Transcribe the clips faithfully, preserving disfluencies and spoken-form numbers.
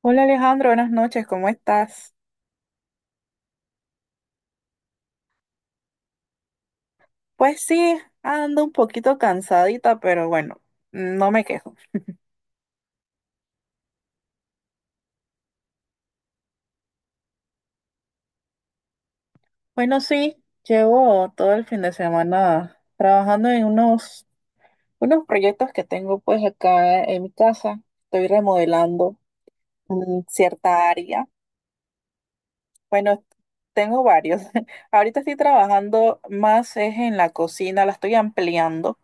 Hola Alejandro, buenas noches, ¿cómo estás? Pues sí, ando un poquito cansadita, pero bueno, no me quejo. Bueno, sí, llevo todo el fin de semana trabajando en unos, unos proyectos que tengo pues acá en mi casa. Estoy remodelando mm, cierta área. Bueno, tengo varios. Ahorita estoy trabajando más es en la cocina, la estoy ampliando.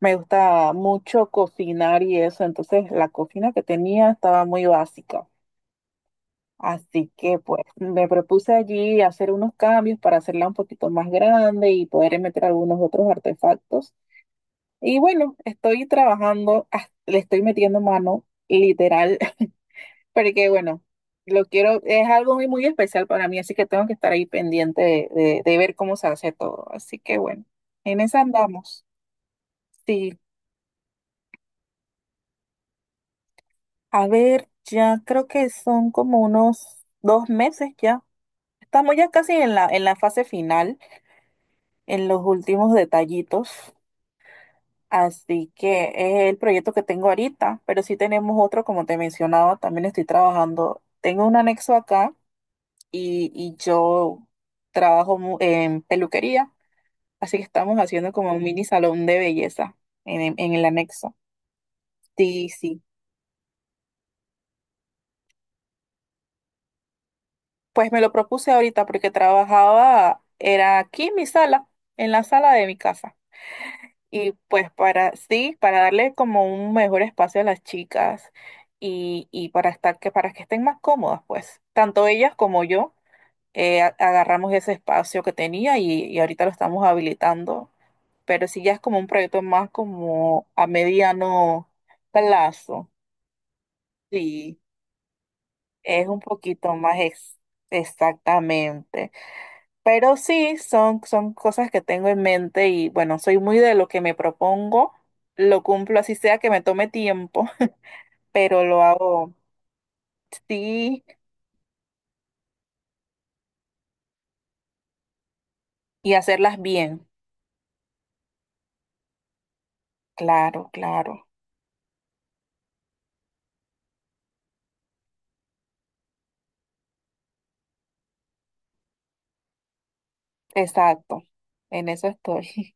Me gusta mucho cocinar y eso, entonces la cocina que tenía estaba muy básica. Así que pues me propuse allí hacer unos cambios para hacerla un poquito más grande y poder meter algunos otros artefactos. Y bueno, estoy trabajando, ah, le estoy metiendo mano literal, porque bueno, lo quiero, es algo muy, muy especial para mí, así que tengo que estar ahí pendiente de, de- de ver cómo se hace todo. Así que bueno, en esa andamos. Sí, a ver, ya creo que son como unos dos meses ya. Estamos ya casi en la, en la fase final. En los últimos detallitos. Así que es el proyecto que tengo ahorita, pero sí tenemos otro, como te mencionaba, también estoy trabajando. Tengo un anexo acá y, y yo trabajo mu- en peluquería, así que estamos haciendo como un mini salón de belleza en, en- en el anexo. Sí, sí. Pues me lo propuse ahorita porque trabajaba, era aquí en mi sala, en la sala de mi casa. Y pues para, sí, para darle como un mejor espacio a las chicas y, y para estar que, para que estén más cómodas, pues, tanto ellas como yo, eh, a- agarramos ese espacio que tenía y, y ahorita lo estamos habilitando. Pero sí ya es como un proyecto más como a mediano plazo. Sí, es un poquito más ex- exactamente. Pero sí, son, son cosas que tengo en mente y bueno, soy muy de lo que me propongo, lo cumplo así sea que me tome tiempo, pero lo hago sí y hacerlas bien. Claro, claro, exacto, en eso estoy.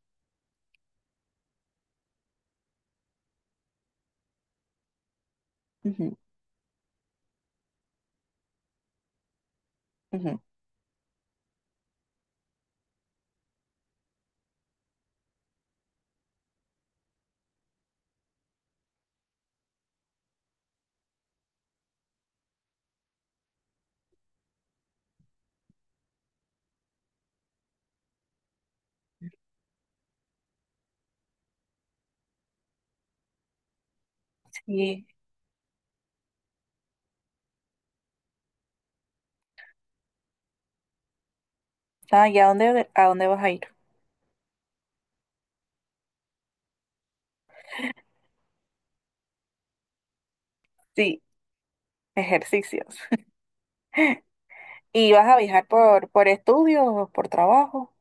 Ujú, ujú. Sí, ah, ¿y a dónde, a dónde vas a ir? Sí, ejercicios. ¿Y vas a viajar por, por estudios o por trabajo?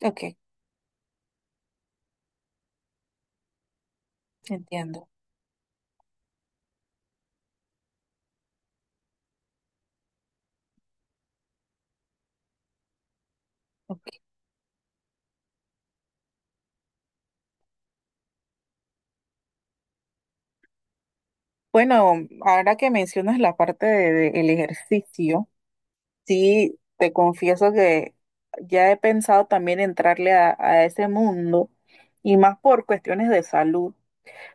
Ok, entiendo. Ok. Bueno, ahora que mencionas la parte de- de el ejercicio. Sí, te confieso que ya he pensado también entrarle a, a ese mundo y más por cuestiones de salud.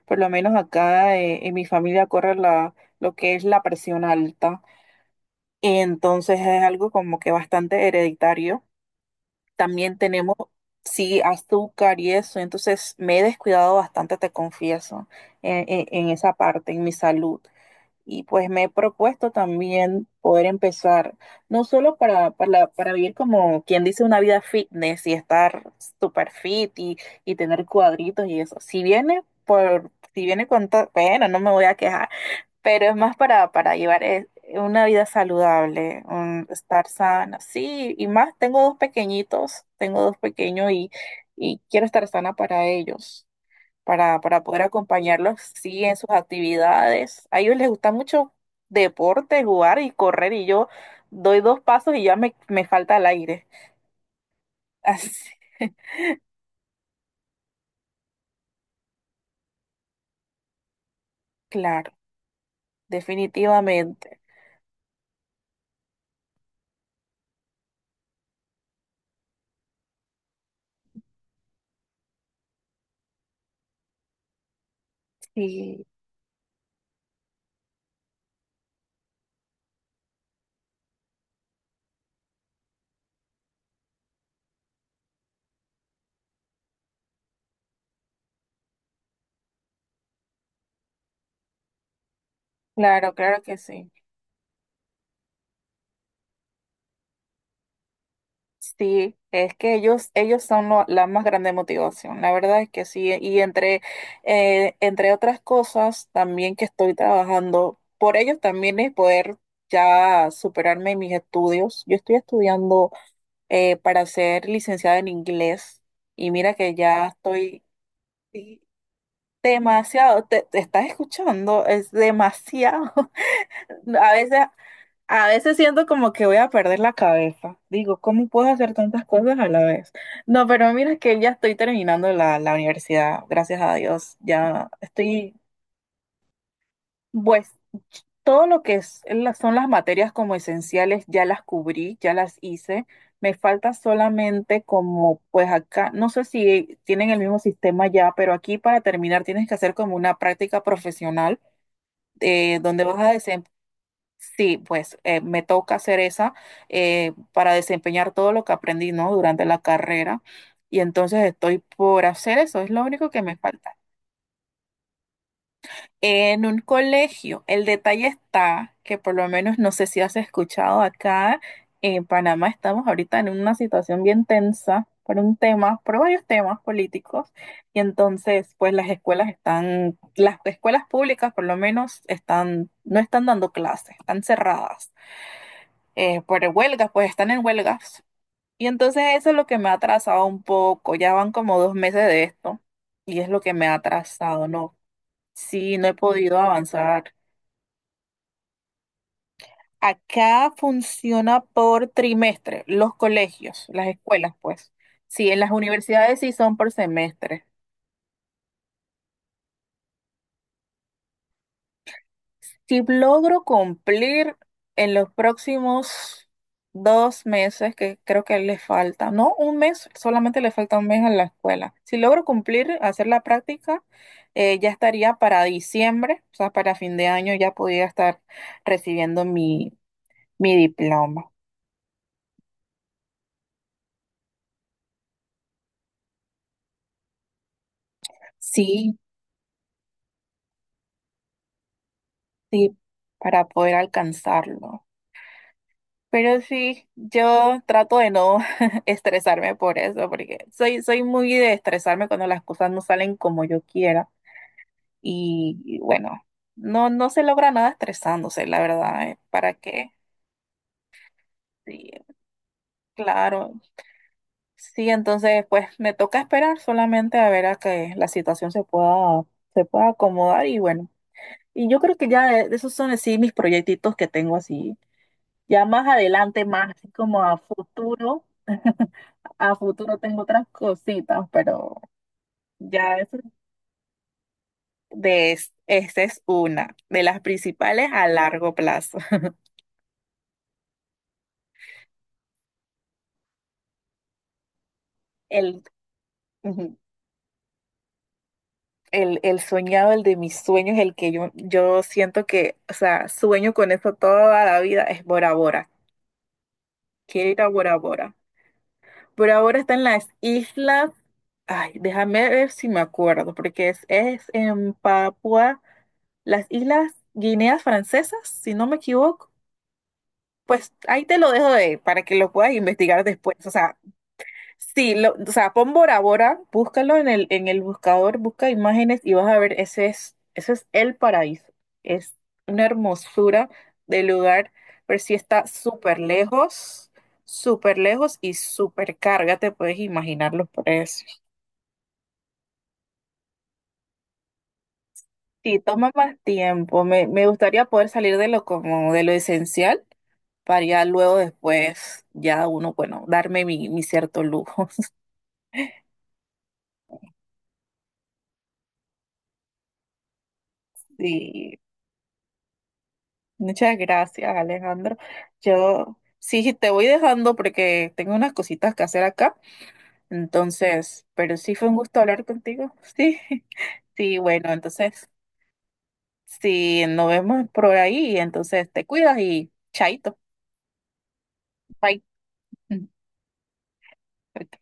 Por lo menos acá eh, en mi familia corre la, lo que es la presión alta. Entonces es algo como que bastante hereditario. También tenemos, sí, azúcar y eso. Entonces me he descuidado bastante, te confieso, en, en en esa parte, en mi salud. Y pues me he propuesto también poder empezar, no solo para, para, para vivir como quien dice una vida fitness y estar super fit y, y tener cuadritos y eso. Si viene por, si viene con todo, bueno, no me voy a quejar, pero es más para, para llevar eh, una vida saludable, un- estar sana. Sí, y más, tengo dos pequeñitos, tengo dos pequeños y, y quiero estar sana para ellos para, para poder acompañarlos, sí, en sus actividades. A ellos les gusta mucho deporte, jugar y correr, y yo doy dos pasos y ya me, me falta el aire. Así, claro, definitivamente. Sí, claro, claro que sí. Sí, es que ellos, ellos son lo- la más grande motivación, la verdad es que sí. Y entre, eh, entre otras cosas, también que estoy trabajando por ellos también es poder ya superarme en mis estudios. Yo estoy estudiando eh, para ser licenciada en inglés. Y mira que ya estoy sí, demasiado, te, te estás escuchando, es demasiado. A veces, a veces siento como que voy a perder la cabeza. Digo, ¿cómo puedo hacer tantas cosas a la vez? No, pero mira que ya estoy terminando la, la universidad, gracias a Dios. Ya estoy pues todo lo que es- la- son las materias como esenciales ya las cubrí, ya las hice. Me falta solamente como, pues acá, no sé si tienen el mismo sistema ya, pero aquí para terminar tienes que hacer como una práctica profesional eh, donde vas a desempeñar. Sí, pues eh, me toca hacer esa eh, para desempeñar todo lo que aprendí, ¿no? Durante la carrera. Y entonces estoy por hacer eso, es lo único que me falta. En un colegio, el detalle está que por lo menos no sé si has escuchado acá en Panamá estamos ahorita en una situación bien tensa por un tema, por varios temas políticos y entonces pues las escuelas están, las escuelas públicas por lo menos están, no están dando clases, están cerradas eh, por huelgas, pues están en huelgas y entonces eso es lo que me ha atrasado un poco, ya van como dos meses de esto y es lo que me ha atrasado, ¿no? Sí, no he podido avanzar. Acá funciona por trimestre, los colegios, las escuelas, pues. Sí, en las universidades sí son por semestre. Si logro cumplir en los próximos dos meses, que creo que le falta, no un mes, solamente le falta un mes a la escuela. Si logro cumplir, hacer la práctica, eh, ya estaría para diciembre, o sea, para fin de año ya podría estar recibiendo mi, mi diploma. Sí, sí, para poder alcanzarlo. Pero sí, yo trato de no estresarme por eso, porque soy, soy muy de estresarme cuando las cosas no salen como yo quiera. Y, y bueno, no, no se logra nada estresándose, la verdad, ¿eh? ¿Para qué? Sí, claro. Sí, entonces pues me toca esperar solamente a ver a que la situación se pueda, se pueda acomodar y bueno. Y yo creo que ya eh, esos son así mis proyectitos que tengo así. Ya más adelante, más así como a futuro, a futuro tengo otras cositas, pero ya eso de es- esta es una de las principales a largo plazo. El, ujú, el, el soñado, el de mis sueños, el que yo, yo siento que, o sea, sueño con eso toda la vida, es Bora Bora. Quiero ir a Bora Bora. Por ahora está en las islas. Ay, déjame ver si me acuerdo, porque es, es en Papua, las islas Guineas Francesas, si no me equivoco. Pues ahí te lo dejo de, para que lo puedas investigar después. O sea, sí, lo- o sea, pon Bora Bora, búscalo en el, en el buscador, busca imágenes y vas a ver, ese es, ese es el paraíso. Es una hermosura de lugar, pero sí está súper lejos, súper lejos y súper carga, te puedes imaginar los precios. Sí, toma más tiempo. Me, me gustaría poder salir de lo como de lo esencial para ya luego después, ya uno, bueno, darme mi, mi cierto lujo. Sí. Muchas gracias, Alejandro. Yo sí te voy dejando porque tengo unas cositas que hacer acá. Entonces, pero sí fue un gusto hablar contigo. Sí, sí, bueno, entonces, si nos vemos por ahí. Entonces, te cuidas y chaito. Bye. Ok.